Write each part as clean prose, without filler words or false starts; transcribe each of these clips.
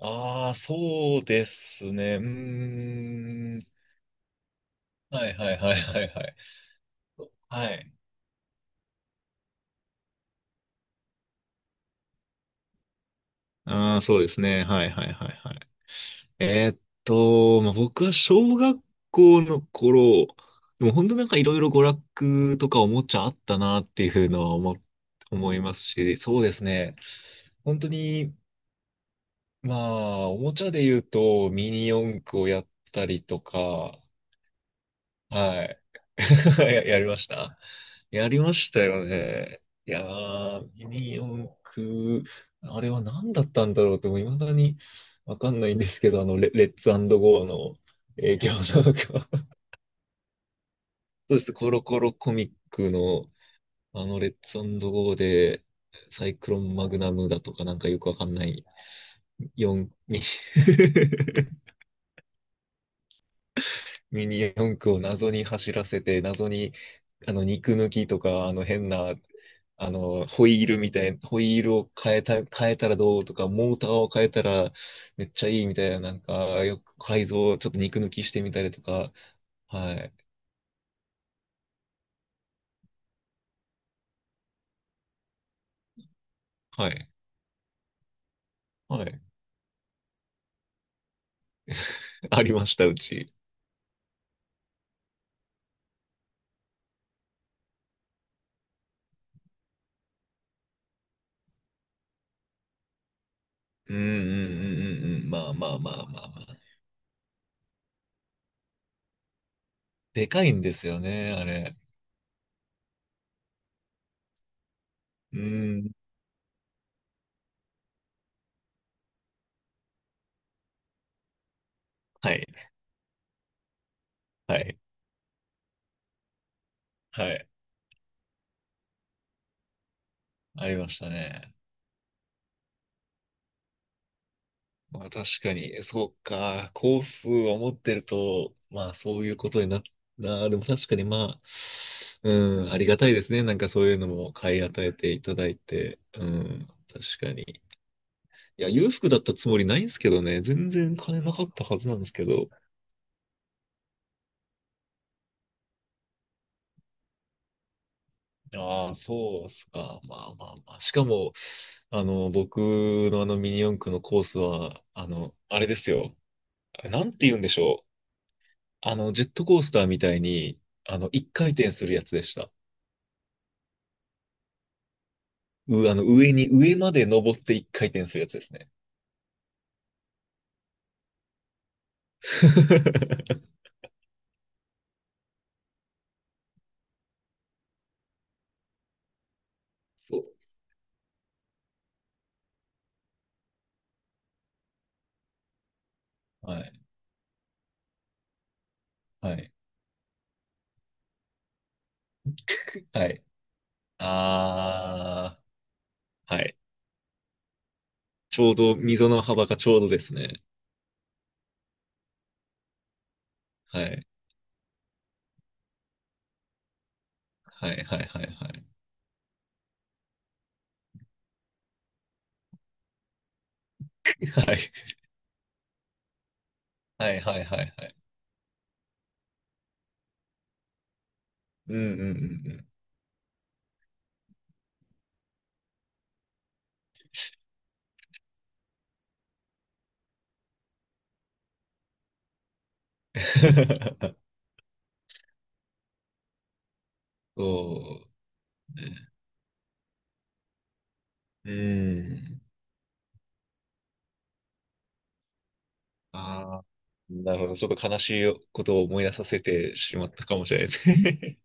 ああ、そうですね。うーん。はいはいはいはいはい。はい。ああ、そうですね。はいはいはいはい。えーっまあ、僕は小学校の頃、でも本当なんかいろいろ娯楽とかおもちゃあったなっていうのは思いますし、そうですね。本当に、まあ、おもちゃで言うとミニ四駆をやったりとか、はい。やりましたやりましたよね。いやー、ミニ四駆、あれは何だったんだろうと、もう未だにわかんないんですけど、レッツゴーの影響なのか。そうです、コロコロコミックの、レッツゴーで、サイクロンマグナムだとか、なんかよくわかんない、四ミニ。 ミニ四駆を謎に走らせて、謎に、肉抜きとか、変なホイールみたいな、ホイールを変えた、変えたらどうとか、モーターを変えたらめっちゃいいみたいな、なんか、よく改造、ちょっと肉抜きしてみたりとか、はい、はい、はい。ありました、うち。うんうんうんうんうん、まあまあまあまあまあ。でかいんですよね、あれ。うん、はい、はい、はい、ありましたね。まあ確かに、そうか、コースを持ってると、まあそういうことになっなでも確かにまあ、うん、ありがたいですね。なんかそういうのも買い与えていただいて、うん、確かに。いや、裕福だったつもりないんですけどね、全然金なかったはずなんですけど。ああ、そうっすか。まあまあまあ。しかも、僕のあのミニ四駆のコースは、あれですよ。あれなんて言うんでしょう。ジェットコースターみたいに、一回転するやつでした。う、あの、上に、上まで登って一回転するやつですね。そう。はい。はい。はい。あー。はい。ちょうど、溝の幅がちょうどですね。はい。はい、はい、はい、はい。はい。はい、はい、はい、はい。うん、うん、うん。うん。 そうね。うん。ああ、なるほど。ちょっと悲しいことを思い出させてしまったかもしれないですね。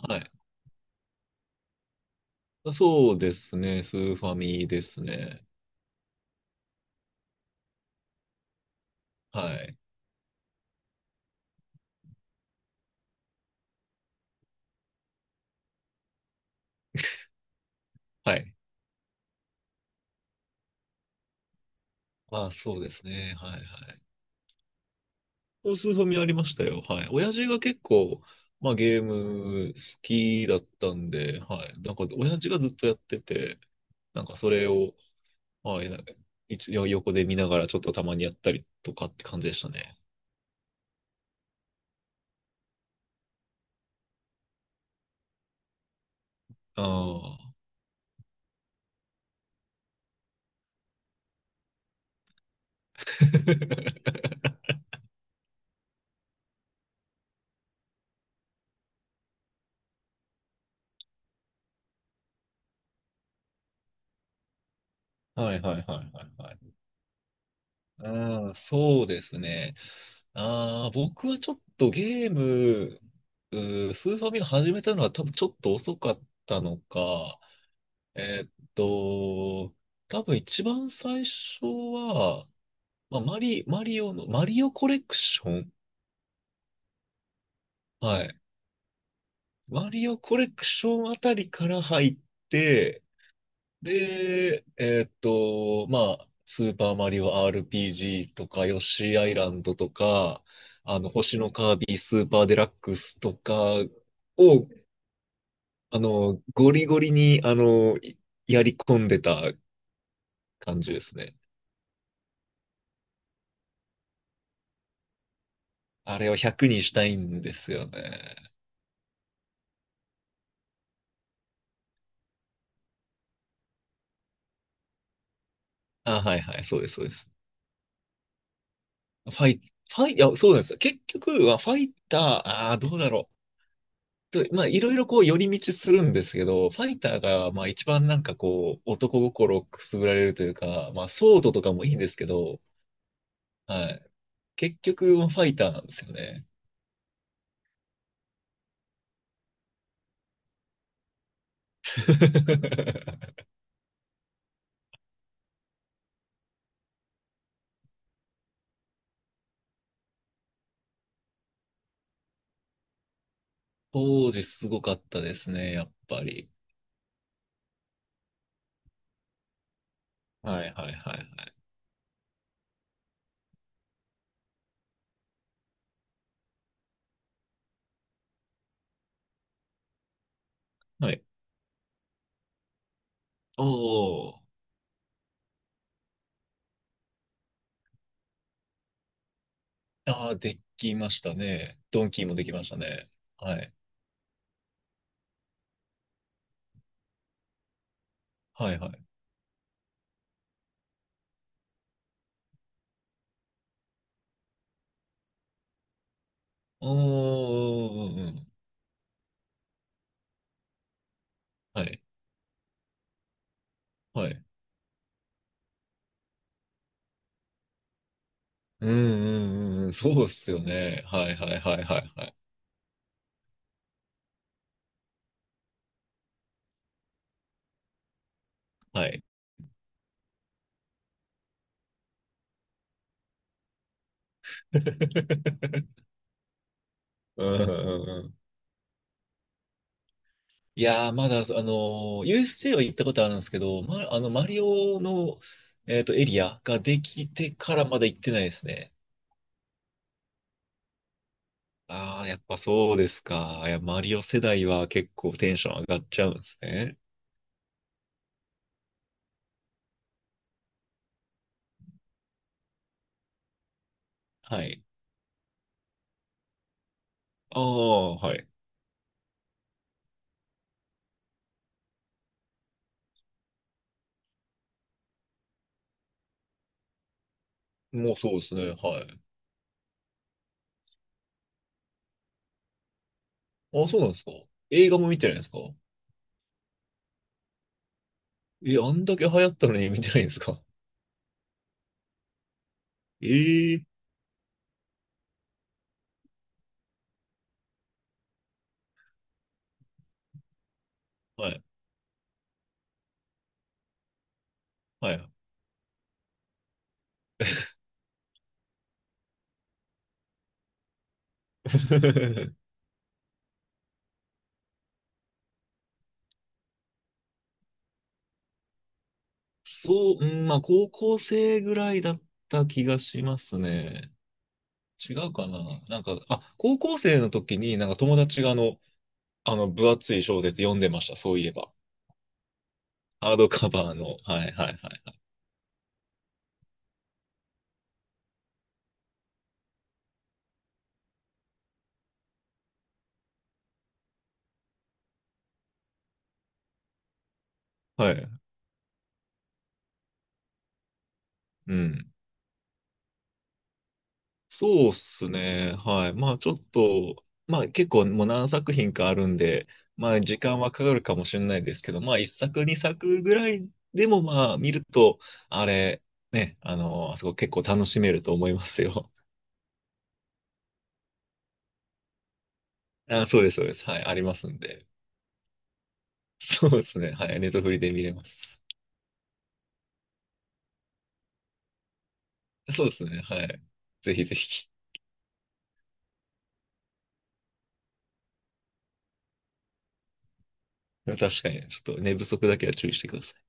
はい。あ、そうですね。スーファミですね。はい。はい。あ、そうですね。はいはい。お、スーファミありましたよ。はい。親父が結構、まあゲーム好きだったんで、はい。なんか親父がずっとやってて、なんかそれを、はい、なんか一応横で見ながらちょっとたまにやったりとかって感じでしたね。ああ。はいはいはいはいはい。ああ、そうですね。ああ、僕はちょっとゲーム、うスーファミが始めたのは多分ちょっと遅かったのか、えーっと、多分一番最初は、まあ、マリオの、マリオコレクション、はい。マリオコレクションあたりから入って、で、まあ、スーパーマリオ RPG とか、ヨッシーアイランドとか、星のカービィスーパーデラックスとかを、ゴリゴリに、やり込んでた感じですね。あれを100にしたいんですよね。あ、はいはい、そうです、そうです。ファイ、ファイ、いや、そうなんですよ。結局は、ファイター、ああ、どうだろう。と、まあ、いろいろこう、寄り道するんですけど、ファイターが、まあ、一番なんかこう、男心をくすぐられるというか、まあ、ソードとかもいいんですけど、はい。結局、ファイターなんですよね。当時すごかったですね、やっぱり。はいはいはいはい。はい。おー。ああ、できましたね。ドンキーもできましたね。はい。はいはい。おー。うんうんうん。はい。はい。うんうんうんうん。そうっすよね。はいはいはいはいはい。はい。うんうんうん。いやー、まだ、USJ は行ったことあるんですけど、ま、マリオの、エリアができてからまだ行ってないですね。ああ、やっぱそうですか。いや、マリオ世代は結構テンション上がっちゃうんですね。はい。ああ、はい。もうそうですね。はい。ああ、そうなんですか。映画も見てないんですか？え、あんだけ流行ったのに見てないんですか？ええー。はい。はい。そう、うん、まあ、高校生ぐらいだった気がしますね。違うかな、なんか、あ、高校生の時に、なんか友達があの、分厚い小説読んでました、そういえば。ハードカバーの。はいはいはいはい。はい。うん。そうっすね。はい。まあ、ちょっと、まあ、結構もう何作品かあるんで、まあ、時間はかかるかもしれないですけど、まあ、一作、二作ぐらいでも、まあ、見ると、あれ、ね、あそこ結構楽しめると思いますよ。あ、そうです、そうです。はい、ありますんで。そうですね。はい、ネットフリで見れます。そうですね。はい。ぜひぜひ。確かに、ちょっと寝不足だけは注意してください。